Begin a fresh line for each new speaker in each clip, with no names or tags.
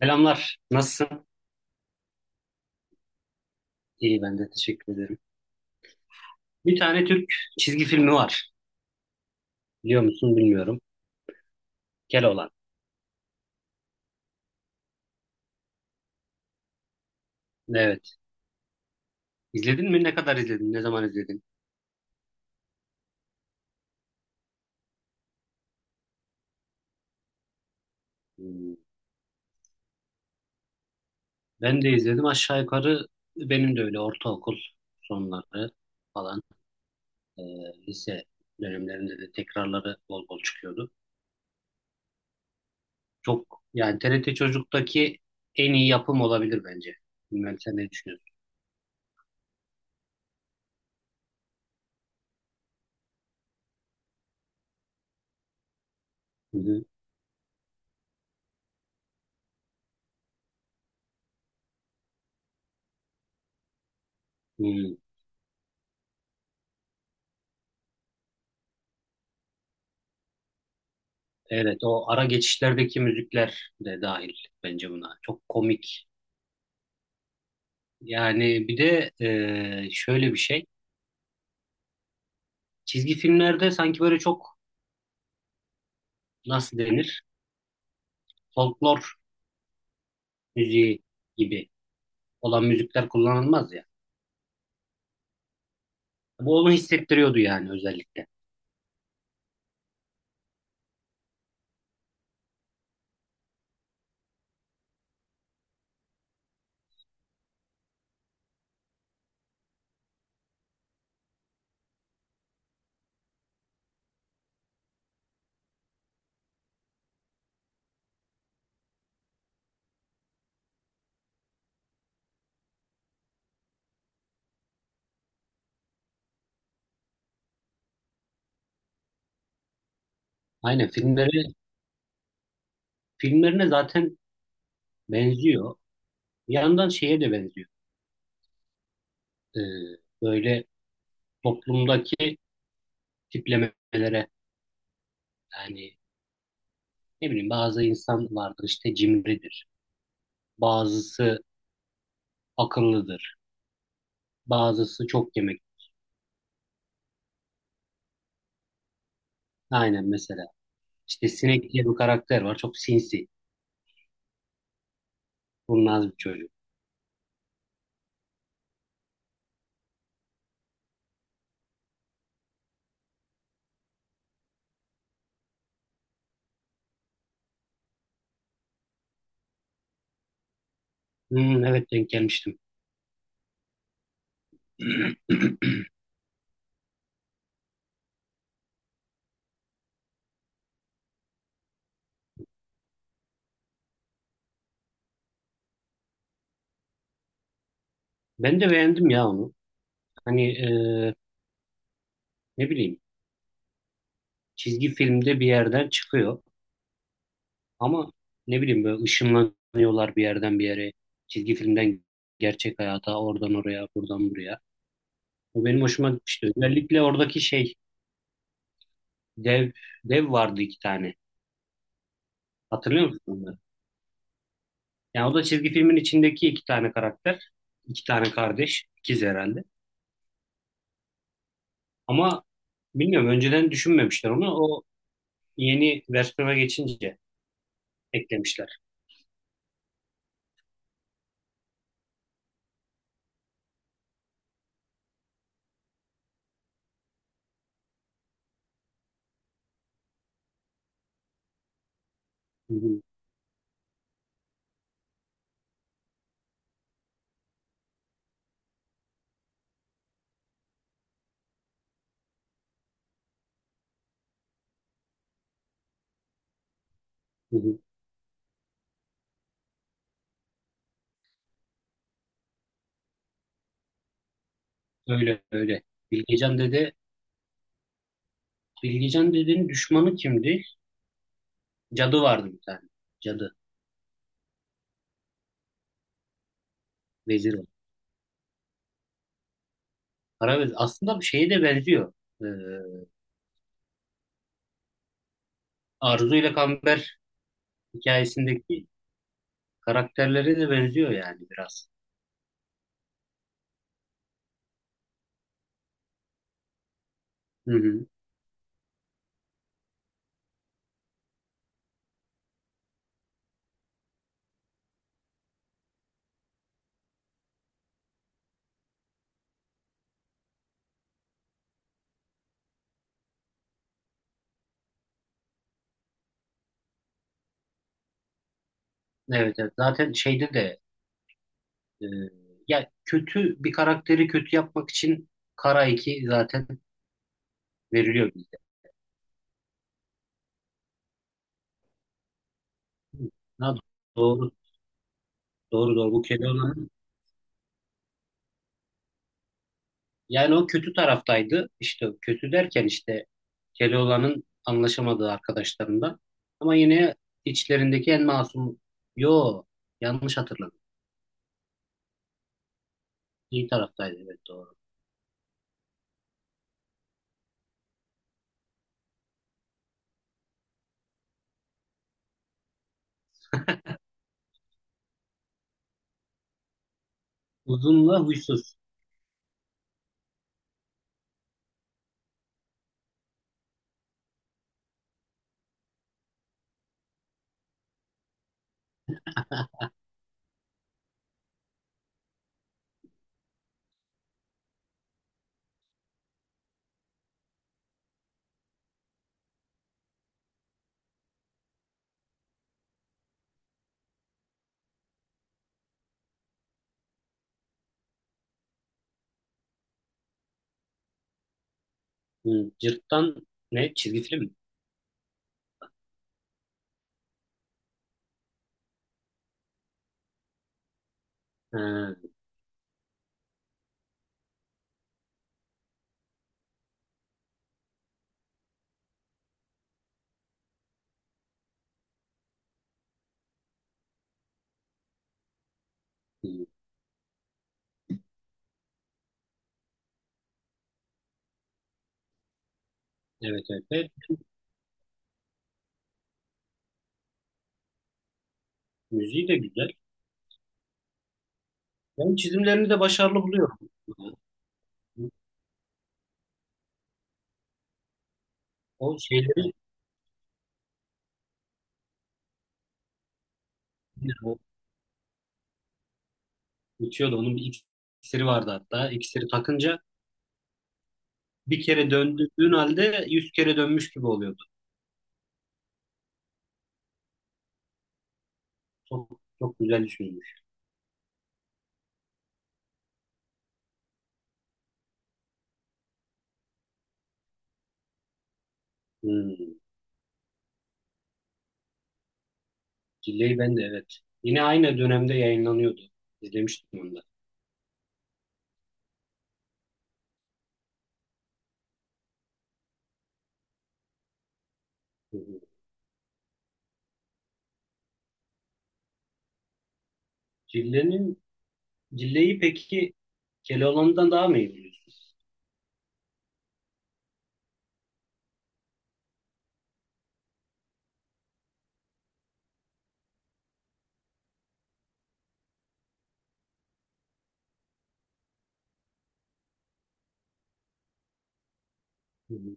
Selamlar. Nasılsın? İyi ben de teşekkür ederim. Bir tane Türk çizgi filmi var. Biliyor musun bilmiyorum. Keloğlan. Evet. İzledin mi? Ne kadar izledin? Ne zaman izledin? Hmm. Ben de izledim. Aşağı yukarı benim de öyle ortaokul sonları falan. e, Lise dönemlerinde de tekrarları bol bol çıkıyordu. Çok yani TRT Çocuk'taki en iyi yapım olabilir bence. Bilmem sen ne düşünüyorsun? Hı hı. Hmm. Evet, o ara geçişlerdeki müzikler de dahil bence buna. Çok komik. Yani bir de şöyle bir şey. Çizgi filmlerde sanki böyle çok nasıl denir? Folklor müziği gibi olan müzikler kullanılmaz ya. Bu onu hissettiriyordu yani özellikle. Aynen filmleri filmlerine zaten benziyor. Bir yandan şeye de benziyor. E, Böyle toplumdaki tiplemelere yani ne bileyim bazı insan vardır işte cimridir. Bazısı akıllıdır. Bazısı çok yemek. Aynen mesela. İşte Sinek diye bir karakter var. Çok sinsi. Kurnaz bir çocuk. Hmm, evet denk gelmiştim. Ben de beğendim ya onu. Hani ne bileyim çizgi filmde bir yerden çıkıyor ama ne bileyim böyle ışınlanıyorlar bir yerden bir yere. Çizgi filmden gerçek hayata oradan oraya buradan buraya. O benim hoşuma gitmişti. Özellikle oradaki şey dev dev vardı iki tane. Hatırlıyor musun onları? Yani o da çizgi filmin içindeki iki tane karakter. İki tane kardeş. İkiz herhalde. Ama bilmiyorum önceden düşünmemişler onu. O yeni versiyona geçince eklemişler. Hı hı, hı hı. Öyle öyle. Bilgecan dede Bilgecan dedenin düşmanı kimdi? Cadı vardı bir tane. Cadı. Vezir var. Kara vezir. Aslında bu şeye de benziyor. Ee, Arzu ile Kamber hikayesindeki karakterlere de benziyor yani biraz. Hı hı. Evet, evet. Zaten şeyde de Ee, ya kötü bir karakteri kötü yapmak için kara 2 zaten veriliyor bizde. Ha, doğru doğru doğru bu Keloğlan'ın yani o kötü taraftaydı. İşte kötü derken işte Keloğlan'ın anlaşamadığı arkadaşlarından. Ama yine içlerindeki en masum yo yanlış hatırladım. İyi taraftaydı evet doğru. Uzunla huysuz. Hı, Cırttan ne? Çizgi film mi? Ha, hı. Evet evet. Evet. Müziği de güzel. Ben çizimlerini de başarılı buluyorum. O şeyleri o uçuyordu. Onun bir iksiri vardı hatta. İksiri takınca bir kere döndüğün halde yüz kere dönmüş gibi oluyordu. Çok, çok güzel düşünmüş. Hmm. Cilleyi ben de evet. Yine aynı dönemde yayınlanıyordu. İzlemiştim onu da. Hı hı. Cillenin, Cilleyi peki Keloğlan'dan daha mı iyi biliyorsun? Hı hı.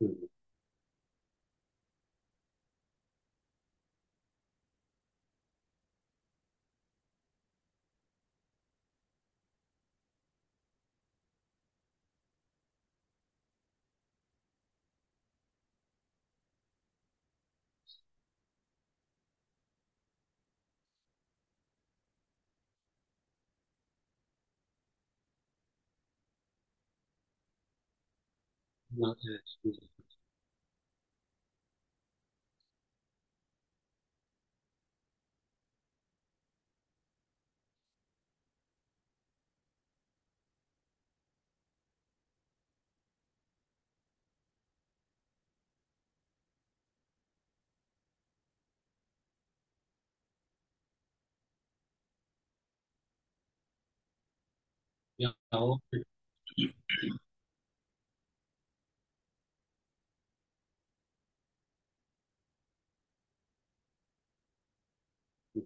Hı hı. Ya, evet. Hı hı. Ya, o... Hı hı.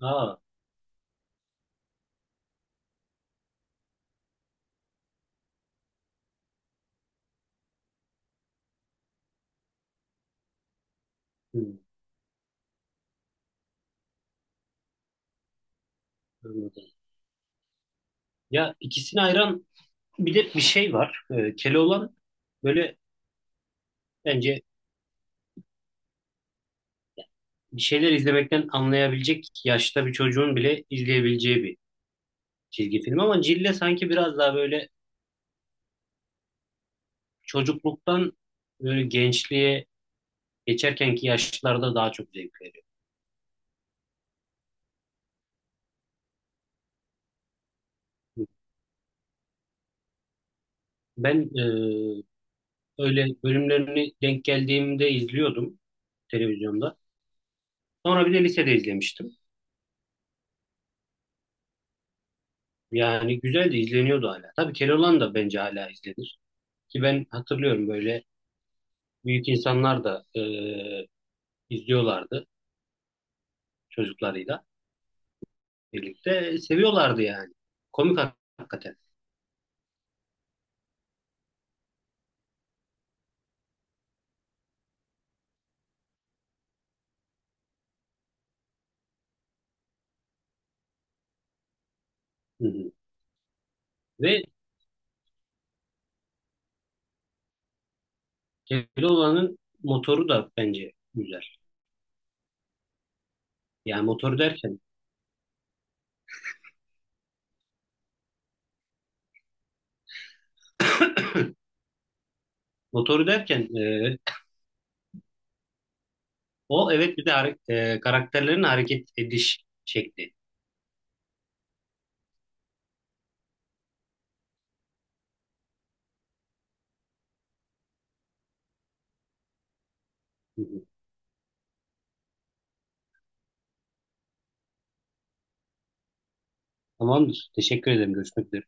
Aa, hı. Hı. Anladım. Ya ikisini ayıran bir de bir şey var. Keloğlan böyle bence bir şeyler izlemekten anlayabilecek yaşta bir çocuğun bile izleyebileceği bir çizgi film. Ama Cille sanki biraz daha böyle çocukluktan böyle gençliğe geçerkenki yaşlarda daha çok zevk veriyor. Ben öyle bölümlerini denk geldiğimde izliyordum televizyonda. Sonra bir de lisede izlemiştim. Yani güzel de izleniyordu hala. Tabii Keloğlan da bence hala izlenir. Ki ben hatırlıyorum böyle büyük insanlar da izliyorlardı çocuklarıyla birlikte. Seviyorlardı yani. Komik hakikaten. Hı hı. Ve Keloğlan'ın motoru da bence güzel. Yani motoru derken motoru derken o evet bir de karakterlerin hareket ediş şekli. Hı hı. Tamamdır. Teşekkür ederim. Görüşmek üzere.